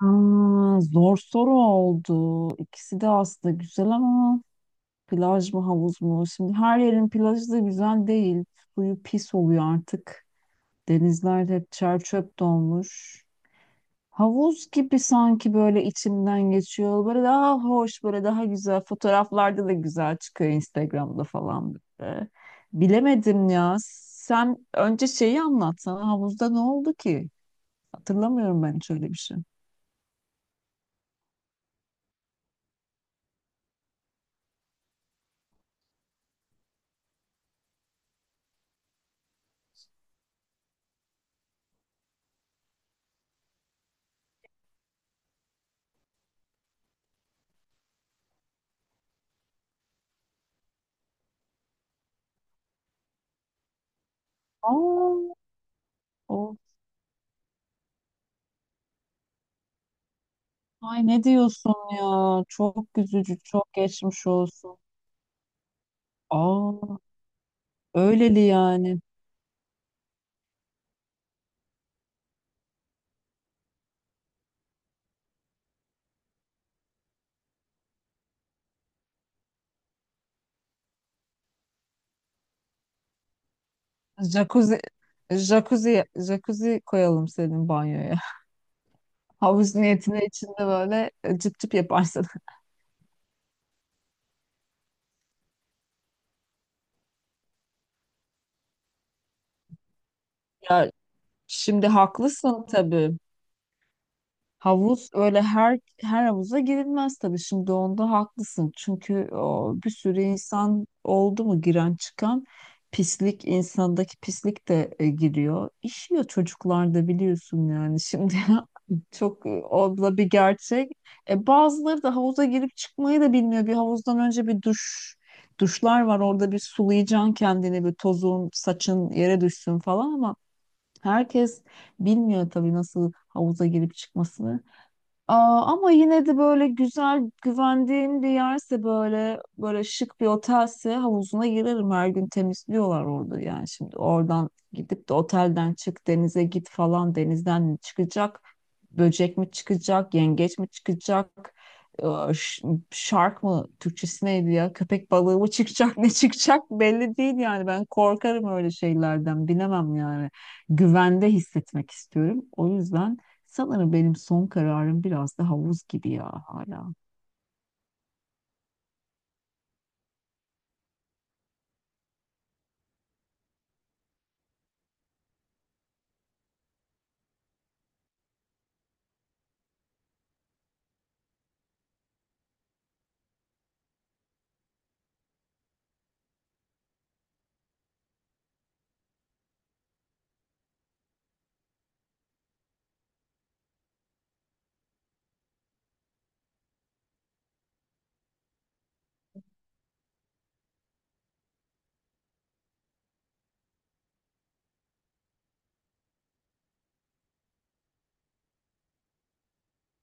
Zor soru oldu. İkisi de aslında güzel ama plaj mı havuz mu? Şimdi her yerin plajı da güzel değil. Suyu pis oluyor artık. Denizler hep çer çöp dolmuş. Havuz gibi sanki böyle içimden geçiyor. Böyle daha hoş, böyle daha güzel. Fotoğraflarda da güzel çıkıyor Instagram'da falan böyle. Bilemedim ya. Sen önce şeyi anlatsana. Havuzda ne oldu ki? Hatırlamıyorum ben hiç öyle bir şey. Aa, o Ay, ne diyorsun ya? Çok üzücü, çok geçmiş olsun. Aa, Öyleli yani. Jacuzzi, jacuzzi jacuzzi koyalım senin banyoya. Havuz niyetine içinde böyle cıp cıp yaparsın. Ya şimdi haklısın tabii. Havuz öyle her havuza girilmez tabii. Şimdi onda haklısın. Çünkü o, bir sürü insan oldu mu giren çıkan pislik, insandaki pislik de giriyor. İşiyor çocuklarda, biliyorsun yani. Şimdi çok o da bir gerçek. Bazıları da havuza girip çıkmayı da bilmiyor. Bir havuzdan önce bir duşlar var. Orada bir sulayacaksın kendini, bir tozun, saçın yere düşsün falan ama herkes bilmiyor tabii nasıl havuza girip çıkmasını. Ama yine de böyle güzel güvendiğim bir yerse, böyle böyle şık bir otelse, havuzuna girerim. Her gün temizliyorlar orada yani. Şimdi oradan gidip de otelden çık, denize git falan, denizden mi çıkacak, böcek mi çıkacak, yengeç mi çıkacak, Ee, ş- shark mı, Türkçesi neydi ya, köpek balığı mı çıkacak? Ne çıkacak belli değil yani. Ben korkarım öyle şeylerden, bilemem yani. Güvende hissetmek istiyorum, o yüzden sanırım benim son kararım biraz da havuz gibi ya hala.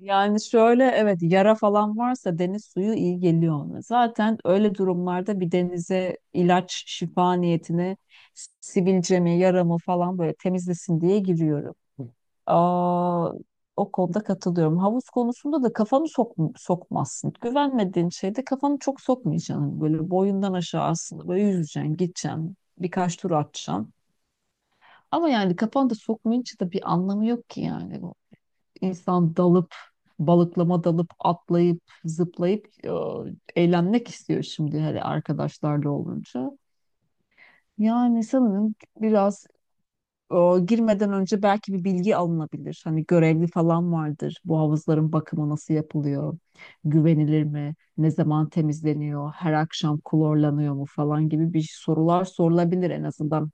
Yani şöyle, evet, yara falan varsa deniz suyu iyi geliyor ona. Zaten öyle durumlarda bir denize ilaç şifa niyetine sivilcemi, yaramı falan böyle temizlesin diye giriyorum. Aa, O konuda katılıyorum. Havuz konusunda da kafanı sok sokmazsın. Güvenmediğin şeyde kafanı çok sokmayacaksın. Böyle boyundan aşağı aslında böyle yüzeceksin, gideceksin, birkaç tur atacaksın. Ama yani kafanda sokmayınca da bir anlamı yok ki yani bu. İnsan dalıp, Balıklama dalıp, atlayıp, zıplayıp eğlenmek istiyor şimdi, hele arkadaşlarla olunca. Yani sanırım biraz, e, girmeden önce belki bir bilgi alınabilir. Hani görevli falan vardır. Bu havuzların bakımı nasıl yapılıyor? Güvenilir mi? Ne zaman temizleniyor? Her akşam klorlanıyor mu falan gibi bir sorular sorulabilir en azından.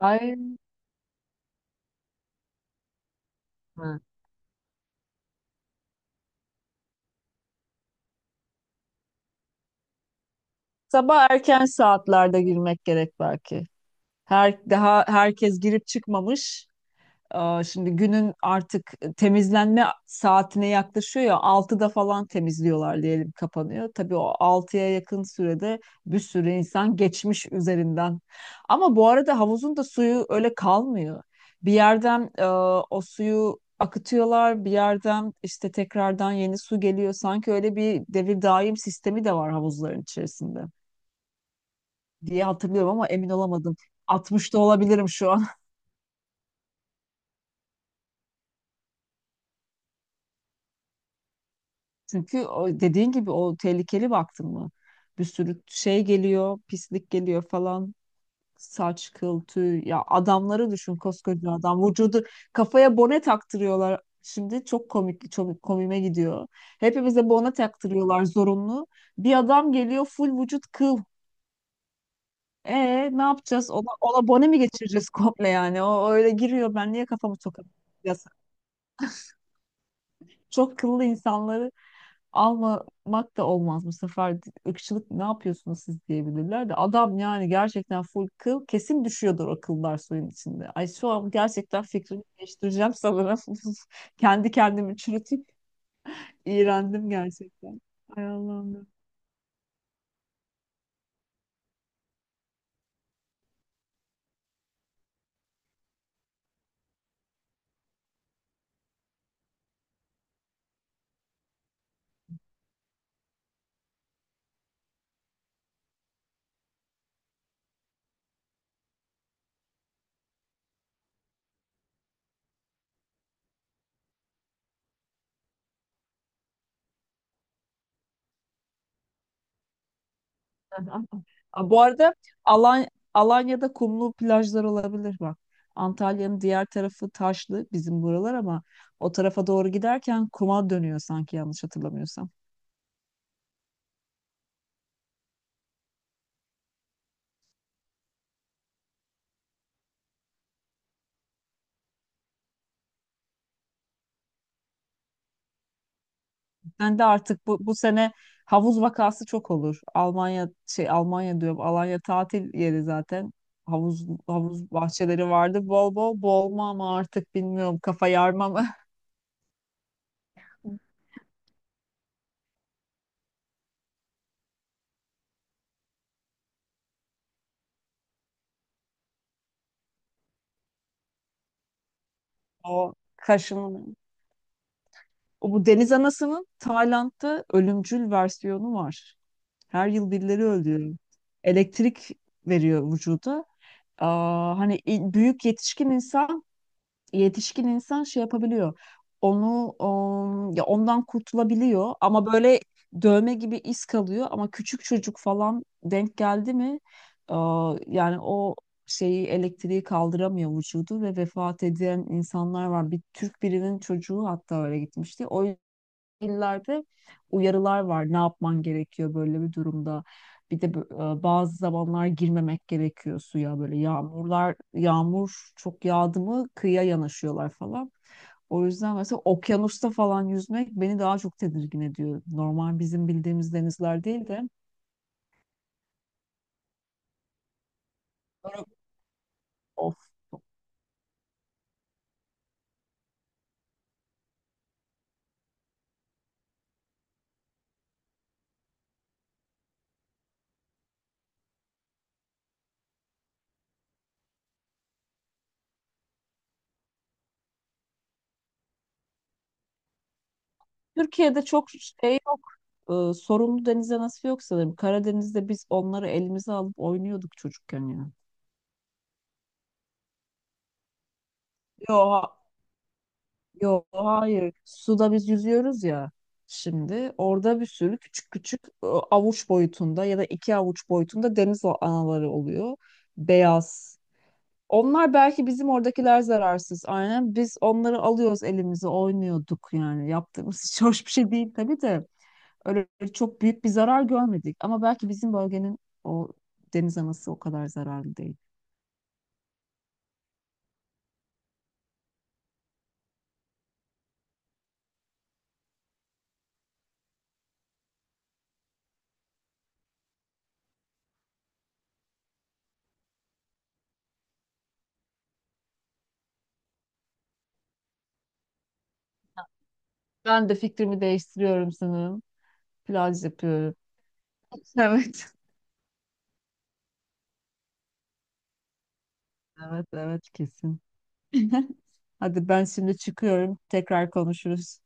Ay. Sabah erken saatlerde girmek gerek belki. Her daha herkes girip çıkmamış. Şimdi günün artık temizlenme saatine yaklaşıyor ya, 6'da falan temizliyorlar diyelim, kapanıyor. Tabii o altıya yakın sürede bir sürü insan geçmiş üzerinden. Ama bu arada havuzun da suyu öyle kalmıyor. Bir yerden o suyu akıtıyorlar, bir yerden işte tekrardan yeni su geliyor. Sanki öyle bir devir daim sistemi de var havuzların içerisinde diye hatırlıyorum, ama emin olamadım. Altmış da olabilirim şu an. Çünkü o dediğin gibi o tehlikeli, baktın mı? Bir sürü şey geliyor, pislik geliyor falan. Saç, kıl, tüy. Ya adamları düşün, koskoca adam. Vücudu kafaya bone taktırıyorlar. Şimdi çok komik, çok komime gidiyor. Hepimize bone taktırıyorlar zorunlu. Bir adam geliyor full vücut kıl. E, ne yapacağız? Ona bone mi geçireceğiz komple yani? O öyle giriyor. Ben niye kafamı sokamıyorum? Çok kıllı insanları almamak da olmaz bu sefer, ırkçılık, ne yapıyorsunuz siz diyebilirler. De adam yani gerçekten full kıl, kesin düşüyordur o kıllar suyun içinde. Ay şu an gerçekten fikrimi değiştireceğim sanırım. Kendi kendimi çürütüp iğrendim gerçekten. Ay Allah'ım ya. Bu arada Alan Alanya'da kumlu plajlar olabilir bak. Antalya'nın diğer tarafı taşlı, bizim buralar, ama o tarafa doğru giderken kuma dönüyor sanki, yanlış hatırlamıyorsam. Ben de artık bu sene havuz vakası çok olur. Almanya, şey, Almanya diyorum. Alanya tatil yeri zaten. Havuz bahçeleri vardı. Bol bol boğulma, ama artık bilmiyorum, kafa yarma mı? O kaşın O Bu deniz anasının Tayland'da ölümcül versiyonu var. Her yıl birileri öldürüyor. Elektrik veriyor vücuda. Büyük yetişkin insan şey yapabiliyor. Onu o, Ya ondan kurtulabiliyor, ama böyle dövme gibi iz kalıyor. Ama küçük çocuk falan denk geldi mi, yani o şeyi, elektriği kaldıramıyor vücudu ve vefat eden insanlar var. Bir Türk birinin çocuğu hatta öyle gitmişti. O illerde uyarılar var. Ne yapman gerekiyor böyle bir durumda? Bir de bazı zamanlar girmemek gerekiyor suya. Böyle yağmur çok yağdı mı kıyıya yanaşıyorlar falan. O yüzden mesela okyanusta falan yüzmek beni daha çok tedirgin ediyor. Normal bizim bildiğimiz denizler değil de. Böyle- Of. Türkiye'de çok şey yok, sorunlu deniz anası yok sanırım. Karadeniz'de biz onları elimize alıp oynuyorduk çocukken ya. Yok Yok hayır. Suda biz yüzüyoruz ya şimdi. Orada bir sürü küçük küçük avuç boyutunda ya da iki avuç boyutunda anaları oluyor. Beyaz. Onlar, belki bizim oradakiler zararsız. Aynen. Biz onları alıyoruz elimize, oynuyorduk yani. Yaptığımız hiç hoş bir şey değil tabii de. Öyle çok büyük bir zarar görmedik. Ama belki bizim bölgenin o deniz anası o kadar zararlı değil. Ben de fikrimi değiştiriyorum sanırım. Plaj yapıyorum. Evet. Evet, evet kesin. Hadi ben şimdi çıkıyorum. Tekrar konuşuruz.